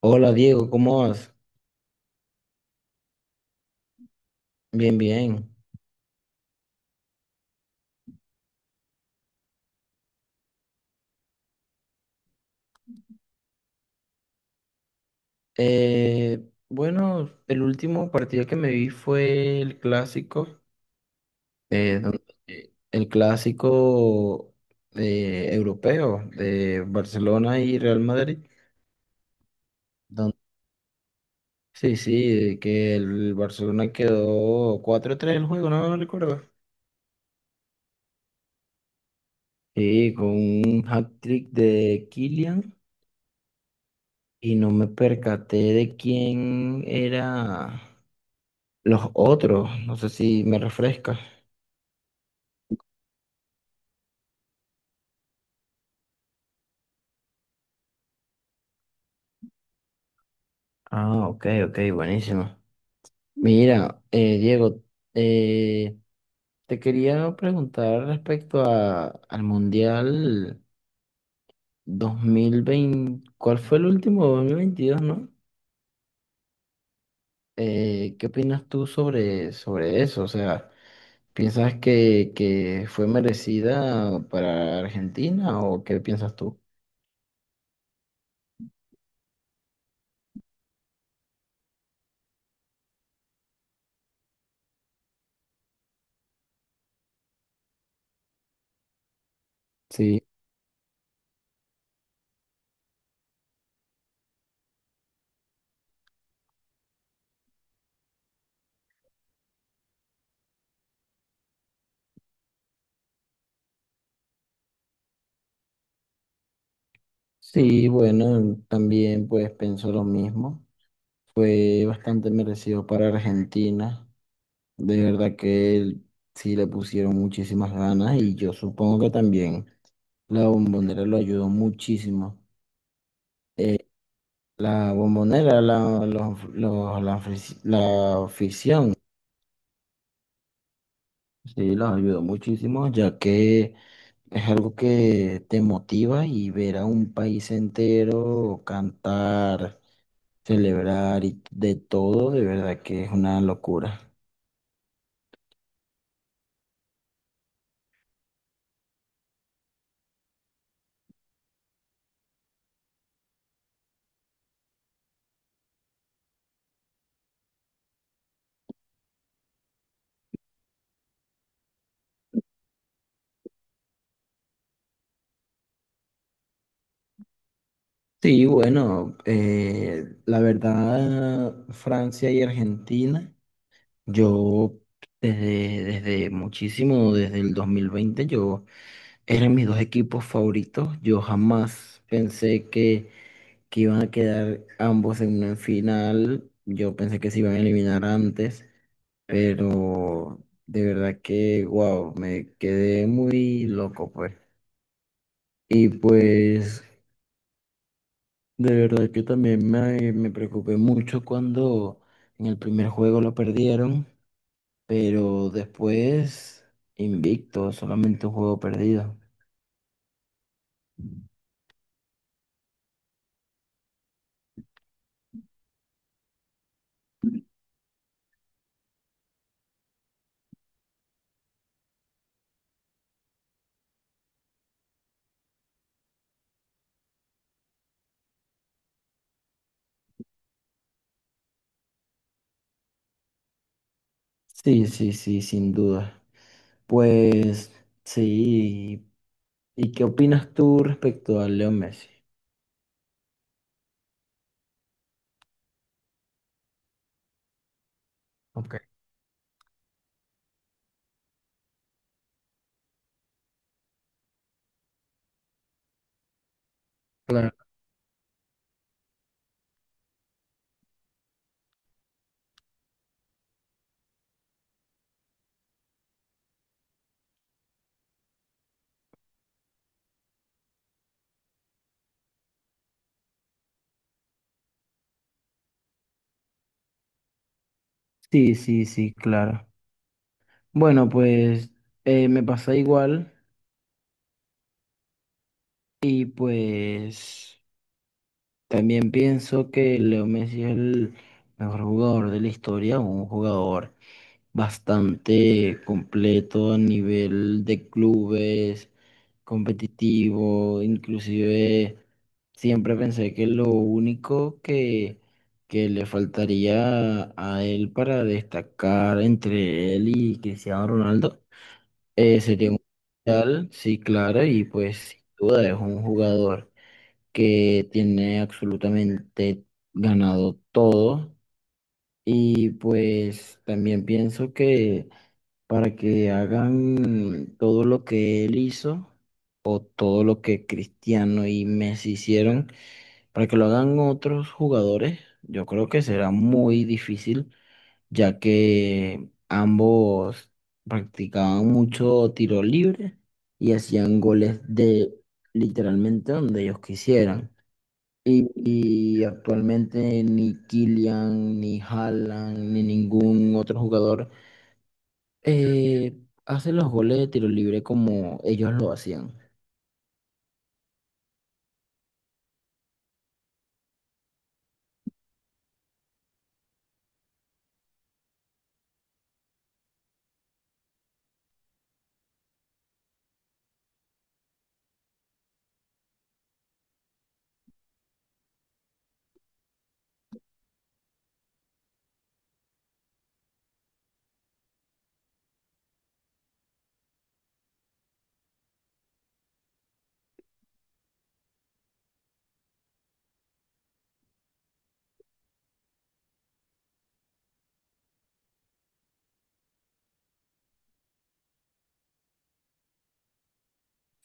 Hola Diego, ¿cómo vas? Bien, bien. Bueno, el último partido que me vi fue el clásico, eh, donde- el clásico europeo de Barcelona y Real Madrid. donde- sí, de que el Barcelona quedó cuatro tres el juego, no recuerdo. Sí, con un hat-trick de Kylian, y no me percaté de quién era. Los otros, no sé si me refrescas. Ah, ok, ok, buenísimo. Mira, Diego, eh, te quería preguntar respecto al Mundial 2020, ¿cuál fue el último dos mil veintidós, no? ¿Qué opinas tú sobre eso? O sea, ¿piensas que fue merecida para Argentina o qué piensas tú? Sí, sí, bueno, también pues pienso lo mismo. Fue bastante merecido para Argentina. De verdad que él sí le pusieron muchísimas ganas, y yo supongo que también la Bombonera lo ayudó muchísimo. Eh, la Bombonera, la, los- la, afic- la afición, sí, los ayudó muchísimo, ya que es algo que te motiva, y ver a un país entero cantar, celebrar y de todo, de verdad que es una locura. Sí, bueno, la verdad, Francia y Argentina, yo desde muchísimo, desde el 2020, yo eran mis dos equipos favoritos. Yo jamás pensé que iban a quedar ambos en una final. Yo pensé que se iban a eliminar antes, pero de verdad que, wow, me quedé muy loco, pues. Y pues de verdad que también me preocupé mucho cuando en el primer juego lo perdieron, pero después invicto, solamente un juego perdido. Sí, sí, sí, sin duda. Pues sí, ¿y qué opinas tú respecto a Leo Messi? Ok. Claro. Sí, sí, sí, claro. Bueno, pues me pasa igual y pues... También pienso que Leo Messi es el mejor jugador de la historia, un jugador bastante completo a nivel de clubes, competitivo, inclusive siempre pensé que lo único que le faltaría a él para destacar entre él y Cristiano Ronaldo sería un mundial, sí, claro, y pues sin duda es un jugador que tiene absolutamente ganado todo. Y pues también pienso que para que hagan todo lo que él hizo, todo lo que Cristiano y Messi hicieron, para que lo hagan otros jugadores, yo creo que será muy difícil, ya que ambos practicaban mucho tiro libre y hacían goles de literalmente donde ellos quisieran. Y actualmente ni Kylian, ni Haaland, ni ningún otro jugador eh, hace los goles de tiro libre como ellos lo hacían.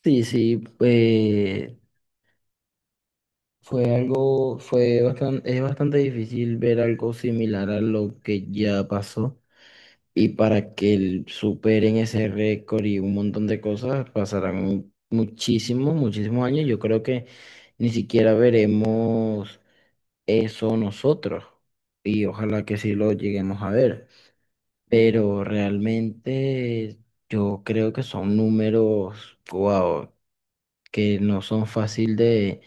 Sí, sí, fue algo, fue bastante, es bastante difícil ver algo similar a lo que ya pasó. Y para que el- superen ese récord y un montón de cosas, pasarán muchísimos, muchísimos años. Yo creo que ni siquiera veremos eso nosotros, y ojalá que sí lo lleguemos a ver, pero realmente yo creo que son números, wow, que no son fácil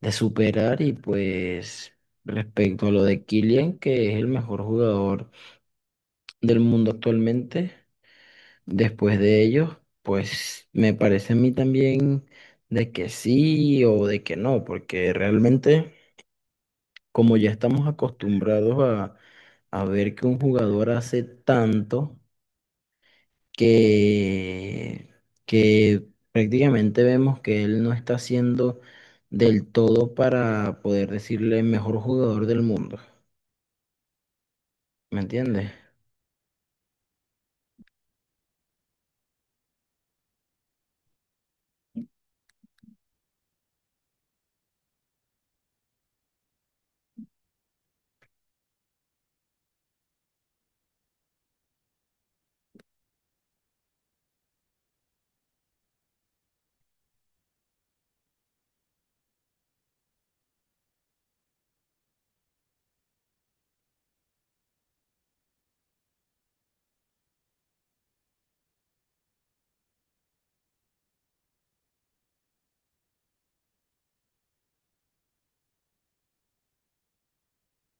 de superar, y pues respecto a lo de Kylian, que es el mejor jugador del mundo actualmente, después de ellos, pues me parece a mí también de que sí o de que no, porque realmente... como ya estamos acostumbrados a ver que un jugador hace tanto que, que prácticamente vemos que él no está haciendo del todo para poder decirle mejor jugador del mundo. ¿Me entiendes?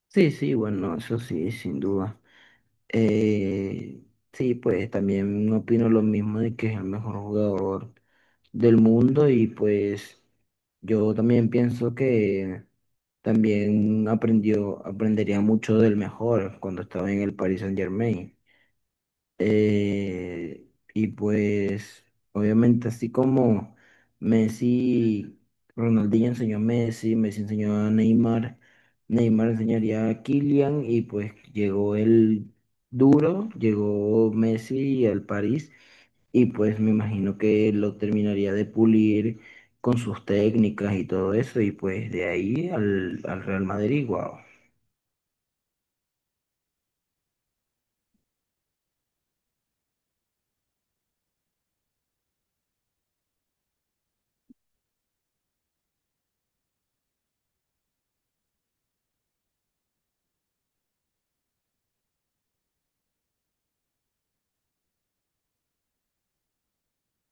Sí, sí, bueno, eso sí, sin duda. Eh, sí, pues también no opino lo mismo de que es el mejor jugador del mundo, y pues yo también pienso que también aprendería mucho del mejor cuando estaba en el Paris Saint-Germain. Eh, y pues, obviamente, así como Messi, Ronaldinho enseñó a Messi, Messi enseñó a Neymar, Neymar enseñaría a Kylian, y pues llegó el duro, llegó Messi al París, y pues me imagino que lo terminaría de pulir con sus técnicas y todo eso, y pues de ahí al Real Madrid, wow.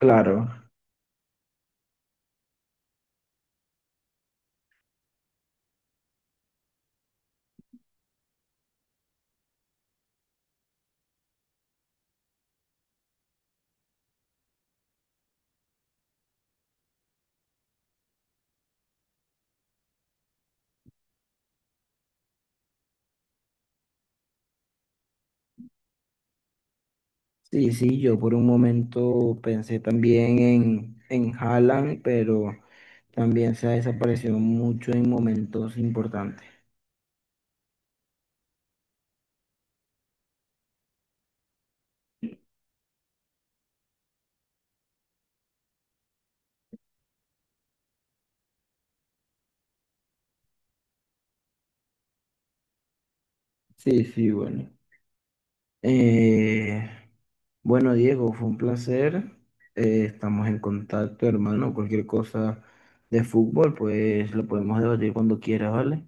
Claro. Sí, sí, yo por un momento pensé también en Haaland, pero también se ha desaparecido mucho en momentos importantes. Sí, sí, bueno. Eh, bueno, Diego, fue un placer. Estamos en contacto, hermano. Cualquier cosa de fútbol, pues lo podemos debatir cuando quieras, ¿vale?